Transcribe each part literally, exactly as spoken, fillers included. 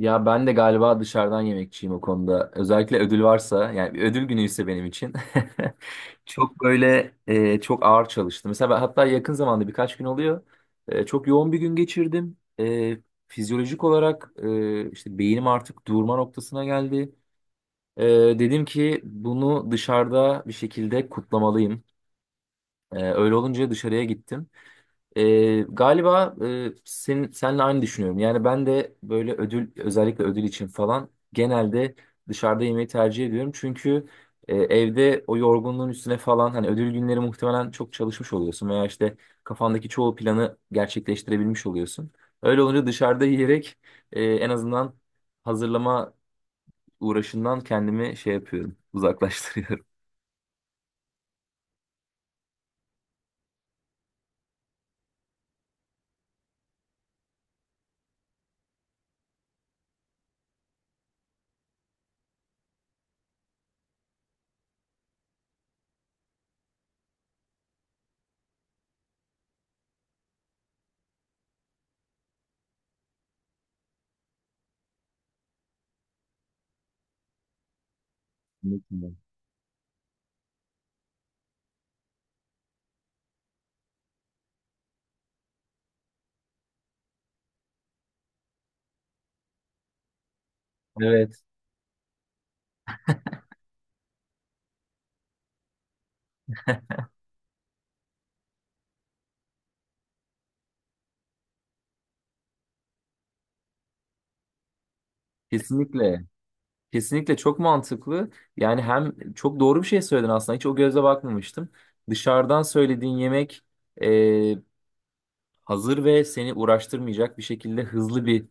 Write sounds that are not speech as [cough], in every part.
Ya ben de galiba dışarıdan yemekçiyim o konuda. Özellikle ödül varsa yani bir ödül günü ise benim için [laughs] çok böyle e, çok ağır çalıştım. Mesela ben hatta yakın zamanda birkaç gün oluyor. E, çok yoğun bir gün geçirdim. E, fizyolojik olarak e, işte beynim artık durma noktasına geldi. E, Dedim ki bunu dışarıda bir şekilde kutlamalıyım. E, öyle olunca dışarıya gittim. Ee, galiba e, senin, senle aynı düşünüyorum. Yani ben de böyle ödül, özellikle ödül için falan, genelde dışarıda yemeği tercih ediyorum. Çünkü e, evde o yorgunluğun üstüne falan hani ödül günleri muhtemelen çok çalışmış oluyorsun veya işte kafandaki çoğu planı gerçekleştirebilmiş oluyorsun. Öyle olunca dışarıda yiyerek e, en azından hazırlama uğraşından kendimi şey yapıyorum, uzaklaştırıyorum. Kesinlikle. Evet. Kesinlikle. Kesinlikle çok mantıklı. Yani hem çok doğru bir şey söyledin aslında. Hiç o gözle bakmamıştım. Dışarıdan söylediğin yemek hazır ve seni uğraştırmayacak bir şekilde, hızlı bir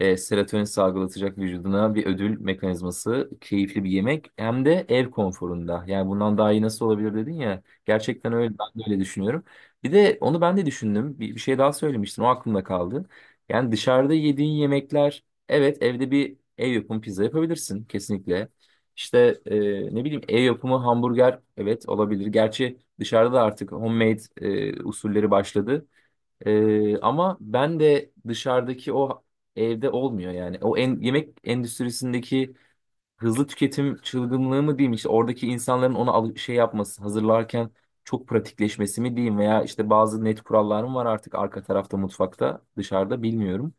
e, serotonin salgılatacak vücuduna bir ödül mekanizması, keyifli bir yemek, hem de ev konforunda. Yani bundan daha iyi nasıl olabilir dedin ya. Gerçekten öyle, ben de öyle düşünüyorum. Bir de onu ben de düşündüm. Bir, bir şey daha söylemiştin, o aklımda kaldı. Yani dışarıda yediğin yemekler, evet, evde bir ev yapımı pizza yapabilirsin kesinlikle. İşte e, ne bileyim ev yapımı hamburger, evet, olabilir. Gerçi dışarıda da artık homemade e, usulleri başladı. Ee, ama ben de dışarıdaki o evde olmuyor yani. O en, yemek endüstrisindeki hızlı tüketim çılgınlığı mı diyeyim, işte oradaki insanların ona al- şey yapması, hazırlarken çok pratikleşmesi mi diyeyim, veya işte bazı net kurallarım var artık arka tarafta mutfakta, dışarıda bilmiyorum.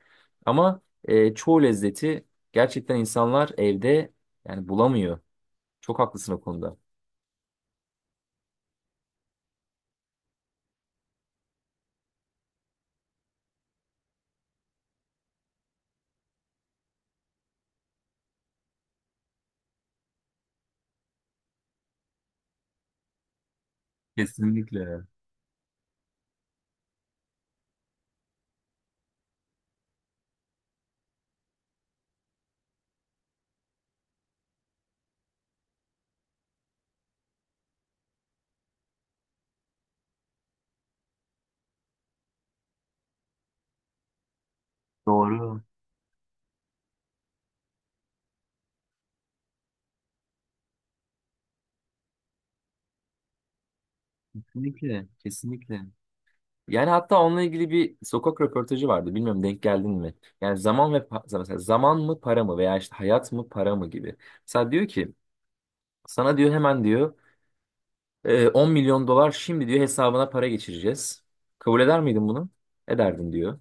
Ama e, çoğu lezzeti gerçekten insanlar evde yani bulamıyor. Çok haklısın o konuda. Kesinlikle. Doğru. Kesinlikle, kesinlikle. Yani hatta onunla ilgili bir sokak röportajı vardı. Bilmiyorum, denk geldin mi? Yani zaman ve pa- mesela zaman mı para mı, veya işte hayat mı para mı gibi. Mesela diyor ki, sana diyor, hemen diyor e, on milyon dolar şimdi diyor hesabına para geçireceğiz. Kabul eder miydin bunu? Ederdin diyor.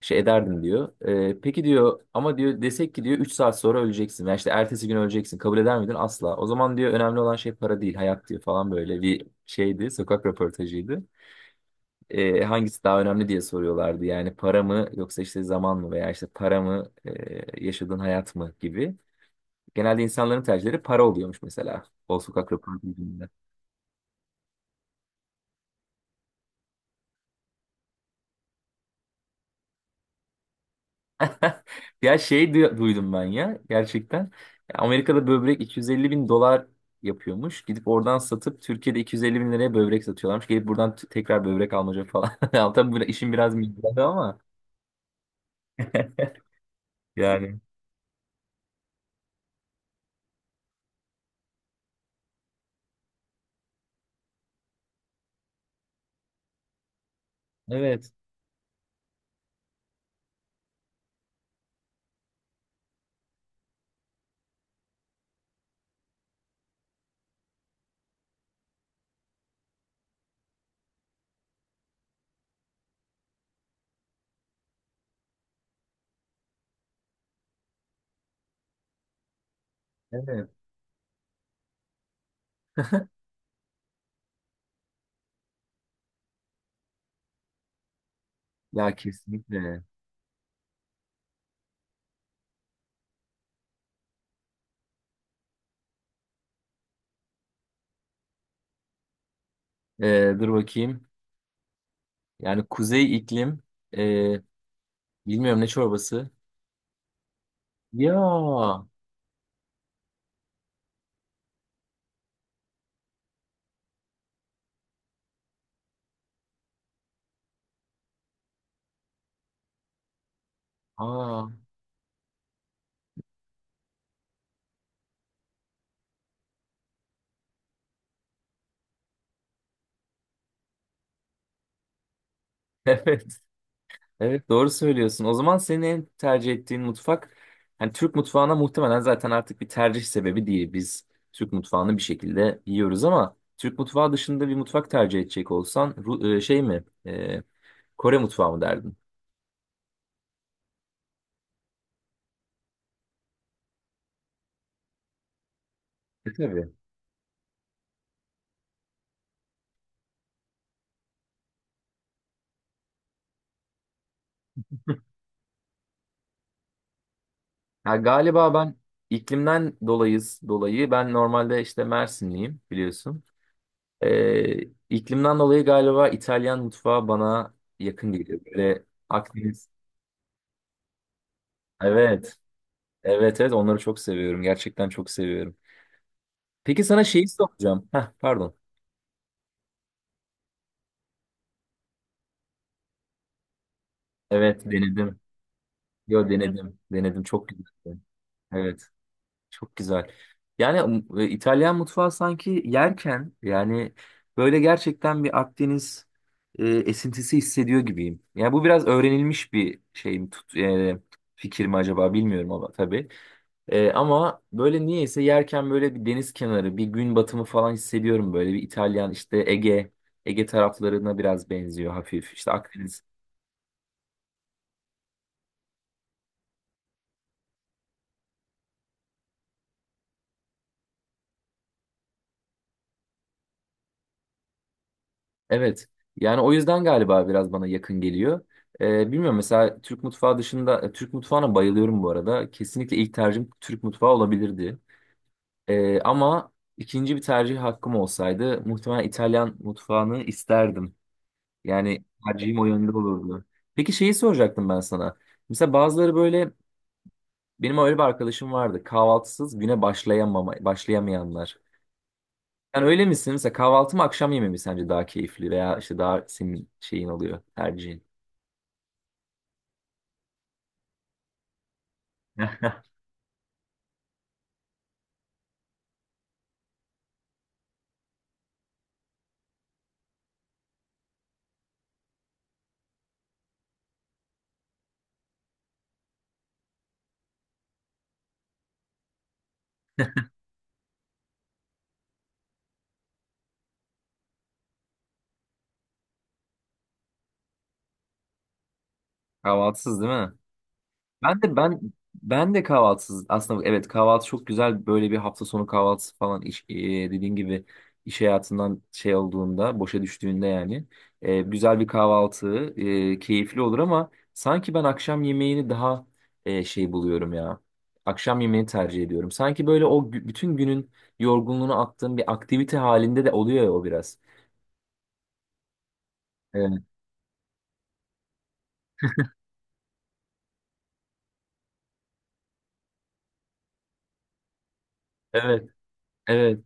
Şey ederdim diyor. E, peki diyor, ama diyor, desek ki diyor üç saat sonra öleceksin, ya işte ertesi gün öleceksin, kabul eder miydin? Asla. O zaman diyor, önemli olan şey para değil, hayat diyor falan, böyle bir şeydi. Sokak röportajıydı, e, hangisi daha önemli diye soruyorlardı. Yani para mı yoksa işte zaman mı, veya işte para mı e, yaşadığın hayat mı gibi. Genelde insanların tercihleri para oluyormuş, mesela, o sokak röportajında. Ya şey du- duydum ben ya gerçekten. Amerika'da böbrek iki yüz elli bin dolar yapıyormuş. Gidip oradan satıp Türkiye'de iki yüz elli bin liraya böbrek satıyorlarmış. Gelip buradan t- tekrar böbrek almaca falan. [laughs] Ya tabii bu işin biraz mizahı ama [laughs] yani. Evet. Evet. Ya kesinlikle. Ee, dur bakayım. Yani kuzey iklim, e, bilmiyorum, ne çorbası. Ya aa, [laughs] evet evet, doğru söylüyorsun. O zaman senin en tercih ettiğin mutfak, yani Türk mutfağına muhtemelen, zaten artık bir tercih sebebi değil. Biz Türk mutfağını bir şekilde yiyoruz ama Türk mutfağı dışında bir mutfak tercih edecek olsan, Ru- e, şey mi, E, Kore mutfağı mı derdin? E, tabii. Ha, galiba ben iklimden dolayız dolayı ben normalde işte Mersinliyim, biliyorsun. Ee, iklimden dolayı galiba İtalyan mutfağı bana yakın geliyor. Böyle Akdeniz. Evet. Evet evet, onları çok seviyorum. Gerçekten çok seviyorum. Peki sana şeyi soracağım. Heh, pardon. Evet, denedim. Yo denedim. Denedim. Çok güzel. Evet. Çok güzel. Yani e, İtalyan mutfağı sanki yerken yani böyle gerçekten bir Akdeniz e, esintisi hissediyor gibiyim. Yani bu biraz öğrenilmiş bir şey mi, tut, e, fikir mi acaba, bilmiyorum ama tabii. Ee, ama böyle niyeyse yerken böyle bir deniz kenarı, bir gün batımı falan hissediyorum böyle. Bir İtalyan işte Ege, Ege taraflarına biraz benziyor hafif. İşte Akdeniz. Evet. Yani o yüzden galiba biraz bana yakın geliyor. Ee, bilmiyorum, mesela Türk mutfağı dışında, e, Türk mutfağına bayılıyorum bu arada. Kesinlikle ilk tercihim Türk mutfağı olabilirdi. Ee, ama ikinci bir tercih hakkım olsaydı muhtemelen İtalyan mutfağını isterdim. Yani tercihim o yönde olurdu. Peki şeyi soracaktım ben sana. Mesela bazıları böyle, benim öyle bir arkadaşım vardı. Kahvaltısız güne başlayamama, başlayamayanlar. Yani öyle misin? Mesela kahvaltı mı akşam yemeği mi sence daha keyifli, veya işte daha senin şeyin oluyor, tercihin? [laughs] Kahvaltısız değil mi? Ben de ben ben de kahvaltısız, aslında evet, kahvaltı çok güzel, böyle bir hafta sonu kahvaltısı falan, iş, e, dediğin gibi iş hayatından şey olduğunda, boşa düştüğünde yani, e, güzel bir kahvaltı e, keyifli olur ama sanki ben akşam yemeğini daha e, şey buluyorum ya, akşam yemeğini tercih ediyorum sanki, böyle o gü- bütün günün yorgunluğunu attığım bir aktivite halinde de oluyor ya o biraz. Evet. Evet, evet.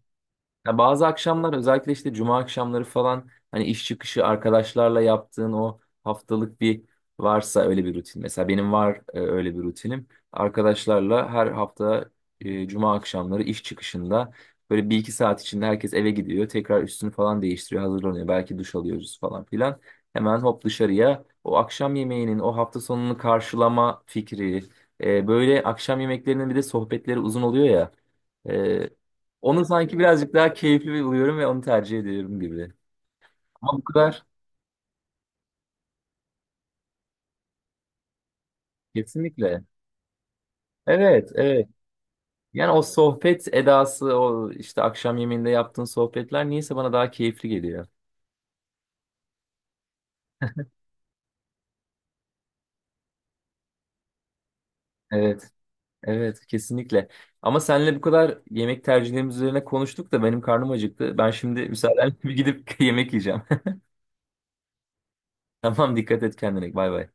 Ya bazı akşamlar özellikle işte cuma akşamları falan, hani iş çıkışı arkadaşlarla yaptığın o haftalık bir varsa öyle bir rutin. Mesela benim var e, öyle bir rutinim. Arkadaşlarla her hafta e, cuma akşamları iş çıkışında böyle bir iki saat içinde herkes eve gidiyor. Tekrar üstünü falan değiştiriyor, hazırlanıyor. Belki duş alıyoruz falan filan. Hemen hop dışarıya, o akşam yemeğinin, o hafta sonunu karşılama fikri. E, böyle akşam yemeklerinin bir de sohbetleri uzun oluyor ya. Ee, Onu sanki birazcık daha keyifli buluyorum ve onu tercih ediyorum gibi. Ama bu kadar, kesinlikle. Evet, evet. Yani o sohbet edası, o işte akşam yemeğinde yaptığın sohbetler niyeyse bana daha keyifli geliyor. Evet, evet, kesinlikle. Ama seninle bu kadar yemek tercihlerimiz üzerine konuştuk da benim karnım acıktı. Ben şimdi müsaadenle bir gidip [laughs] yemek yiyeceğim. [laughs] Tamam, dikkat et kendine. Bay bay.